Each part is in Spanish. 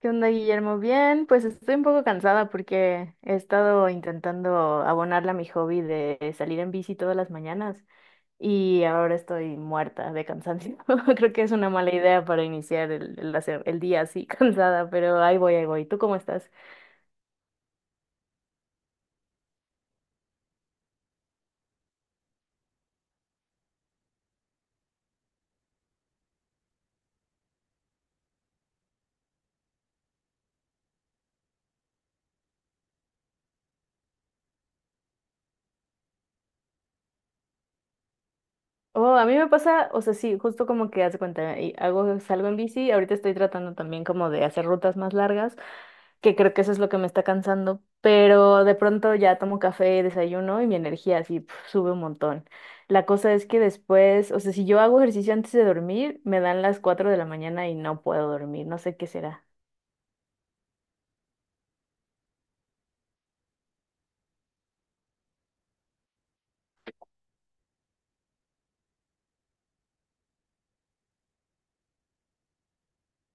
¿Qué onda, Guillermo? Bien, pues estoy un poco cansada porque he estado intentando abonarle a mi hobby de salir en bici todas las mañanas y ahora estoy muerta de cansancio. Creo que es una mala idea para iniciar el día así cansada, pero ahí voy, ahí voy. ¿Tú cómo estás? Oh, a mí me pasa, o sea, sí, justo como que haz de cuenta, y salgo en bici, ahorita estoy tratando también como de hacer rutas más largas, que creo que eso es lo que me está cansando, pero de pronto ya tomo café, desayuno y mi energía así pf, sube un montón. La cosa es que después, o sea, si yo hago ejercicio antes de dormir, me dan las 4 de la mañana y no puedo dormir, no sé qué será.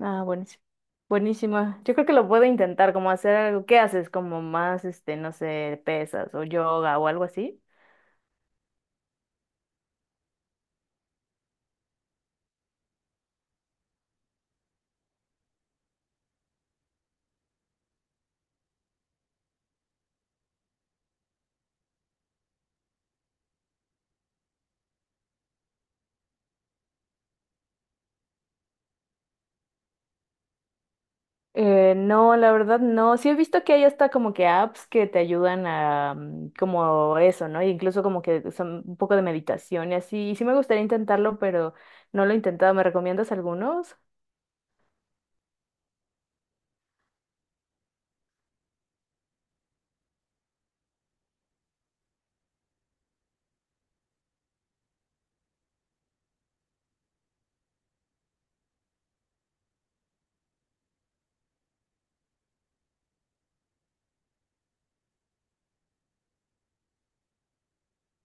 Ah, buenísimo. Buenísima. Yo creo que lo puedo intentar, como hacer algo. ¿Qué haces? Como más, este, no sé, pesas o yoga o algo así. No, la verdad no. Sí he visto que hay hasta como que apps que te ayudan a como eso, ¿no? Incluso como que son un poco de meditación y así. Y sí me gustaría intentarlo, pero no lo he intentado. ¿Me recomiendas algunos?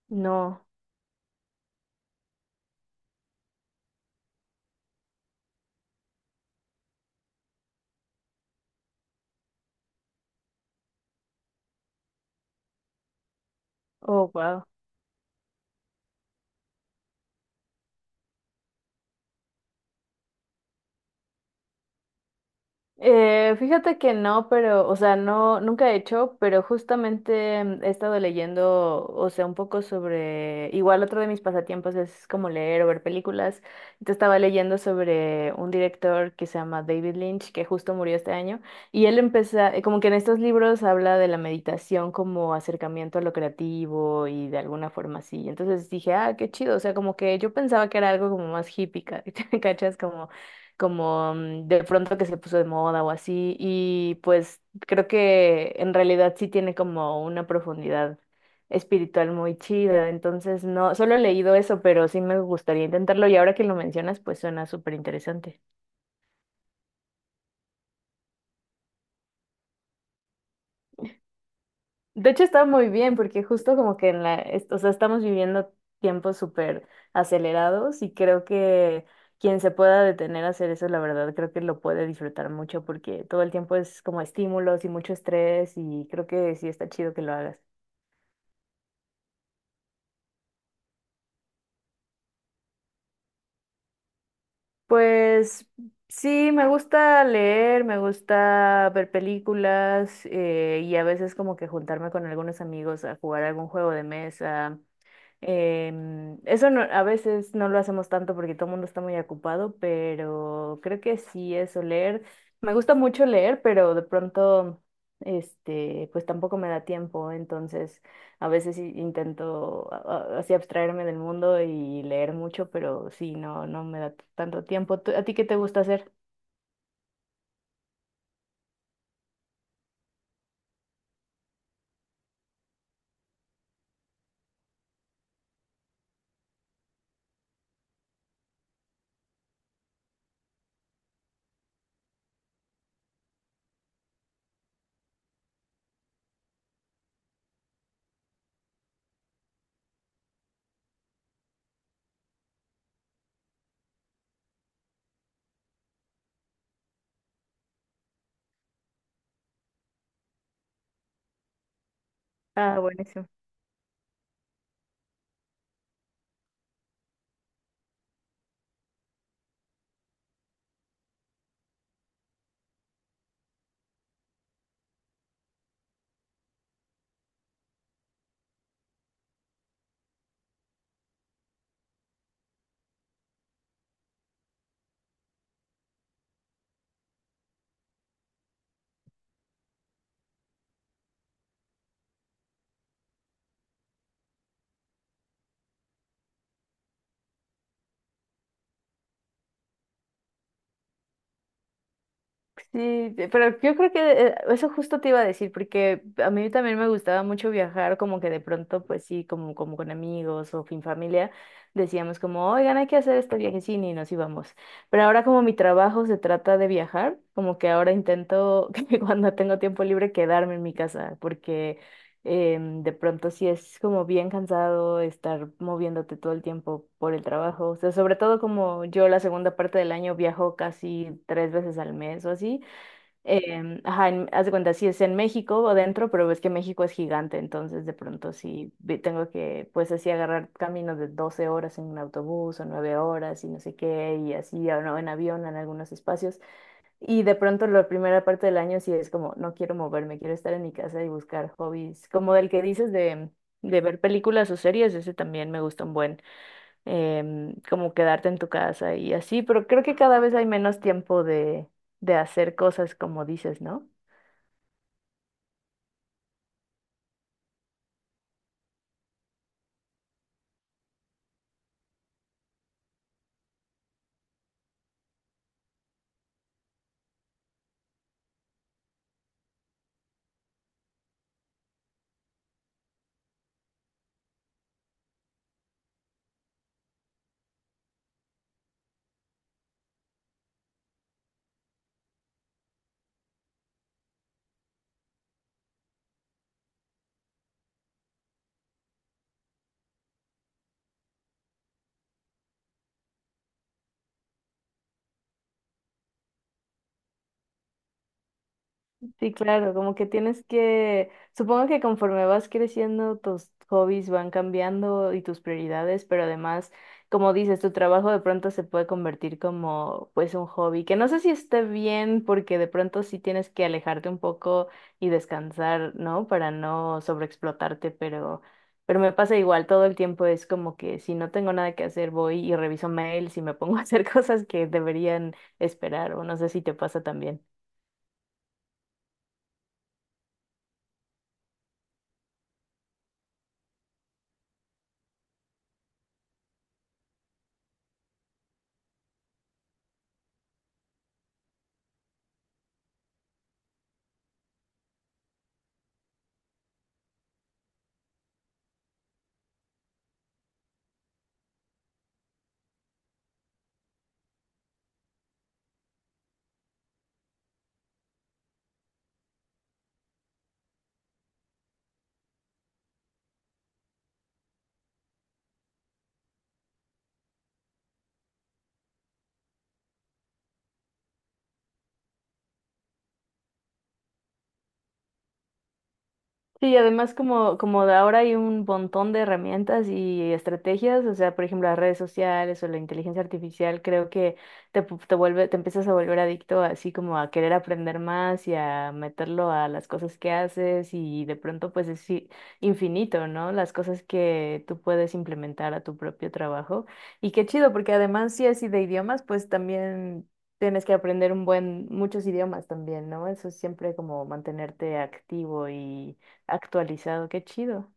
No. Oh, eh, fíjate que no, pero, o sea, no, nunca he hecho, pero justamente he estado leyendo, o sea, un poco sobre, igual otro de mis pasatiempos es como leer o ver películas. Entonces estaba leyendo sobre un director que se llama David Lynch, que justo murió este año, y él empieza, como que en estos libros habla de la meditación como acercamiento a lo creativo y de alguna forma así. Entonces dije, ah, qué chido, o sea, como que yo pensaba que era algo como más hippie, ¿cachas? Como de pronto que se puso de moda o así. Y pues creo que en realidad sí tiene como una profundidad espiritual muy chida. Entonces, no, solo he leído eso, pero sí me gustaría intentarlo. Y ahora que lo mencionas, pues suena súper interesante. De hecho, está muy bien porque justo como que o sea, estamos viviendo tiempos súper acelerados y creo que quien se pueda detener a hacer eso, la verdad, creo que lo puede disfrutar mucho porque todo el tiempo es como estímulos y mucho estrés y creo que sí está chido que lo hagas. Pues sí, me gusta leer, me gusta ver películas y a veces como que juntarme con algunos amigos a jugar algún juego de mesa. Em, eso no- a veces no lo hacemos tanto porque todo el mundo está muy ocupado, pero creo que sí, eso, leer. Me gusta mucho leer, pero de pronto, este, pues tampoco me da tiempo, entonces a veces sí intento así abstraerme del mundo y leer mucho, pero sí, no, no me da tanto tiempo. ¿A ti qué te gusta hacer? Ah, buenísimo. Sí, te- pero yo creo que eso justo te iba a decir, porque a mí también me gustaba mucho viajar, como que de pronto, pues sí, como, como con amigos o fin familia, decíamos como, oigan, hay que hacer este viajecín y nos íbamos. Pero ahora como mi trabajo se trata de viajar, como que ahora intento que cuando tengo tiempo libre quedarme en mi casa, porque de pronto sí es como bien cansado estar moviéndote todo el tiempo por el trabajo. O sea, sobre todo como yo la segunda parte del año viajo casi 3 veces al mes o así. Ajá, haz de cuenta, sí es en México o dentro, pero ves que México es gigante, entonces de pronto sí tengo que, pues así agarrar caminos de 12 horas en un autobús o 9 horas y no sé qué, y así, o no, en avión en algunos espacios. Y de pronto la primera parte del año sí es como, no quiero moverme, quiero estar en mi casa y buscar hobbies. Como el que dices de ver películas o series, ese también me gusta un buen, como quedarte en tu casa y así, pero creo que cada vez hay menos tiempo de hacer cosas como dices, ¿no? Sí, claro, como que tienes que, supongo que conforme vas creciendo, tus hobbies van cambiando y tus prioridades, pero además, como dices, tu trabajo de pronto se puede convertir como pues un hobby, que no sé si esté bien porque de pronto sí tienes que alejarte un poco y descansar, ¿no? Para no sobreexplotarte, pero me pasa igual, todo el tiempo es como que si no tengo nada que hacer, voy y reviso mails y me pongo a hacer cosas que deberían esperar, o no sé si te pasa también. Sí, además como, como de ahora hay un montón de herramientas y estrategias, o sea, por ejemplo, las redes sociales o la inteligencia artificial, creo que te vuelve, te empiezas a volver adicto así como a querer aprender más y a meterlo a las cosas que haces y de pronto pues es infinito, ¿no? Las cosas que tú puedes implementar a tu propio trabajo. Y qué chido, porque además si así de idiomas, pues también tienes que aprender un buen, muchos idiomas también, ¿no? Eso es siempre como mantenerte activo y actualizado, qué chido.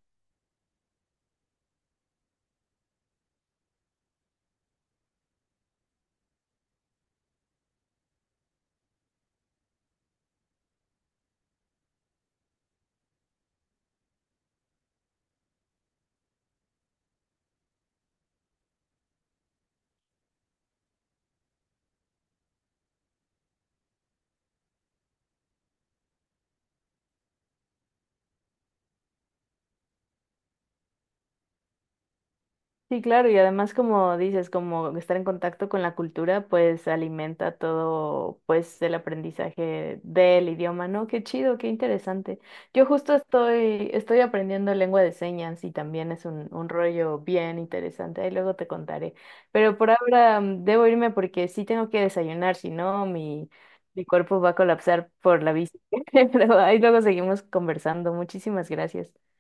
Sí, claro, y además como dices, como estar en contacto con la cultura, pues alimenta todo, pues el aprendizaje del idioma, ¿no? Qué chido, qué interesante. Yo justo estoy, estoy aprendiendo lengua de señas y también es un rollo bien interesante, ahí luego te contaré. Pero por ahora debo irme porque sí tengo que desayunar, si no, mi cuerpo va a colapsar por la bici. Pero ahí luego seguimos conversando. Muchísimas gracias.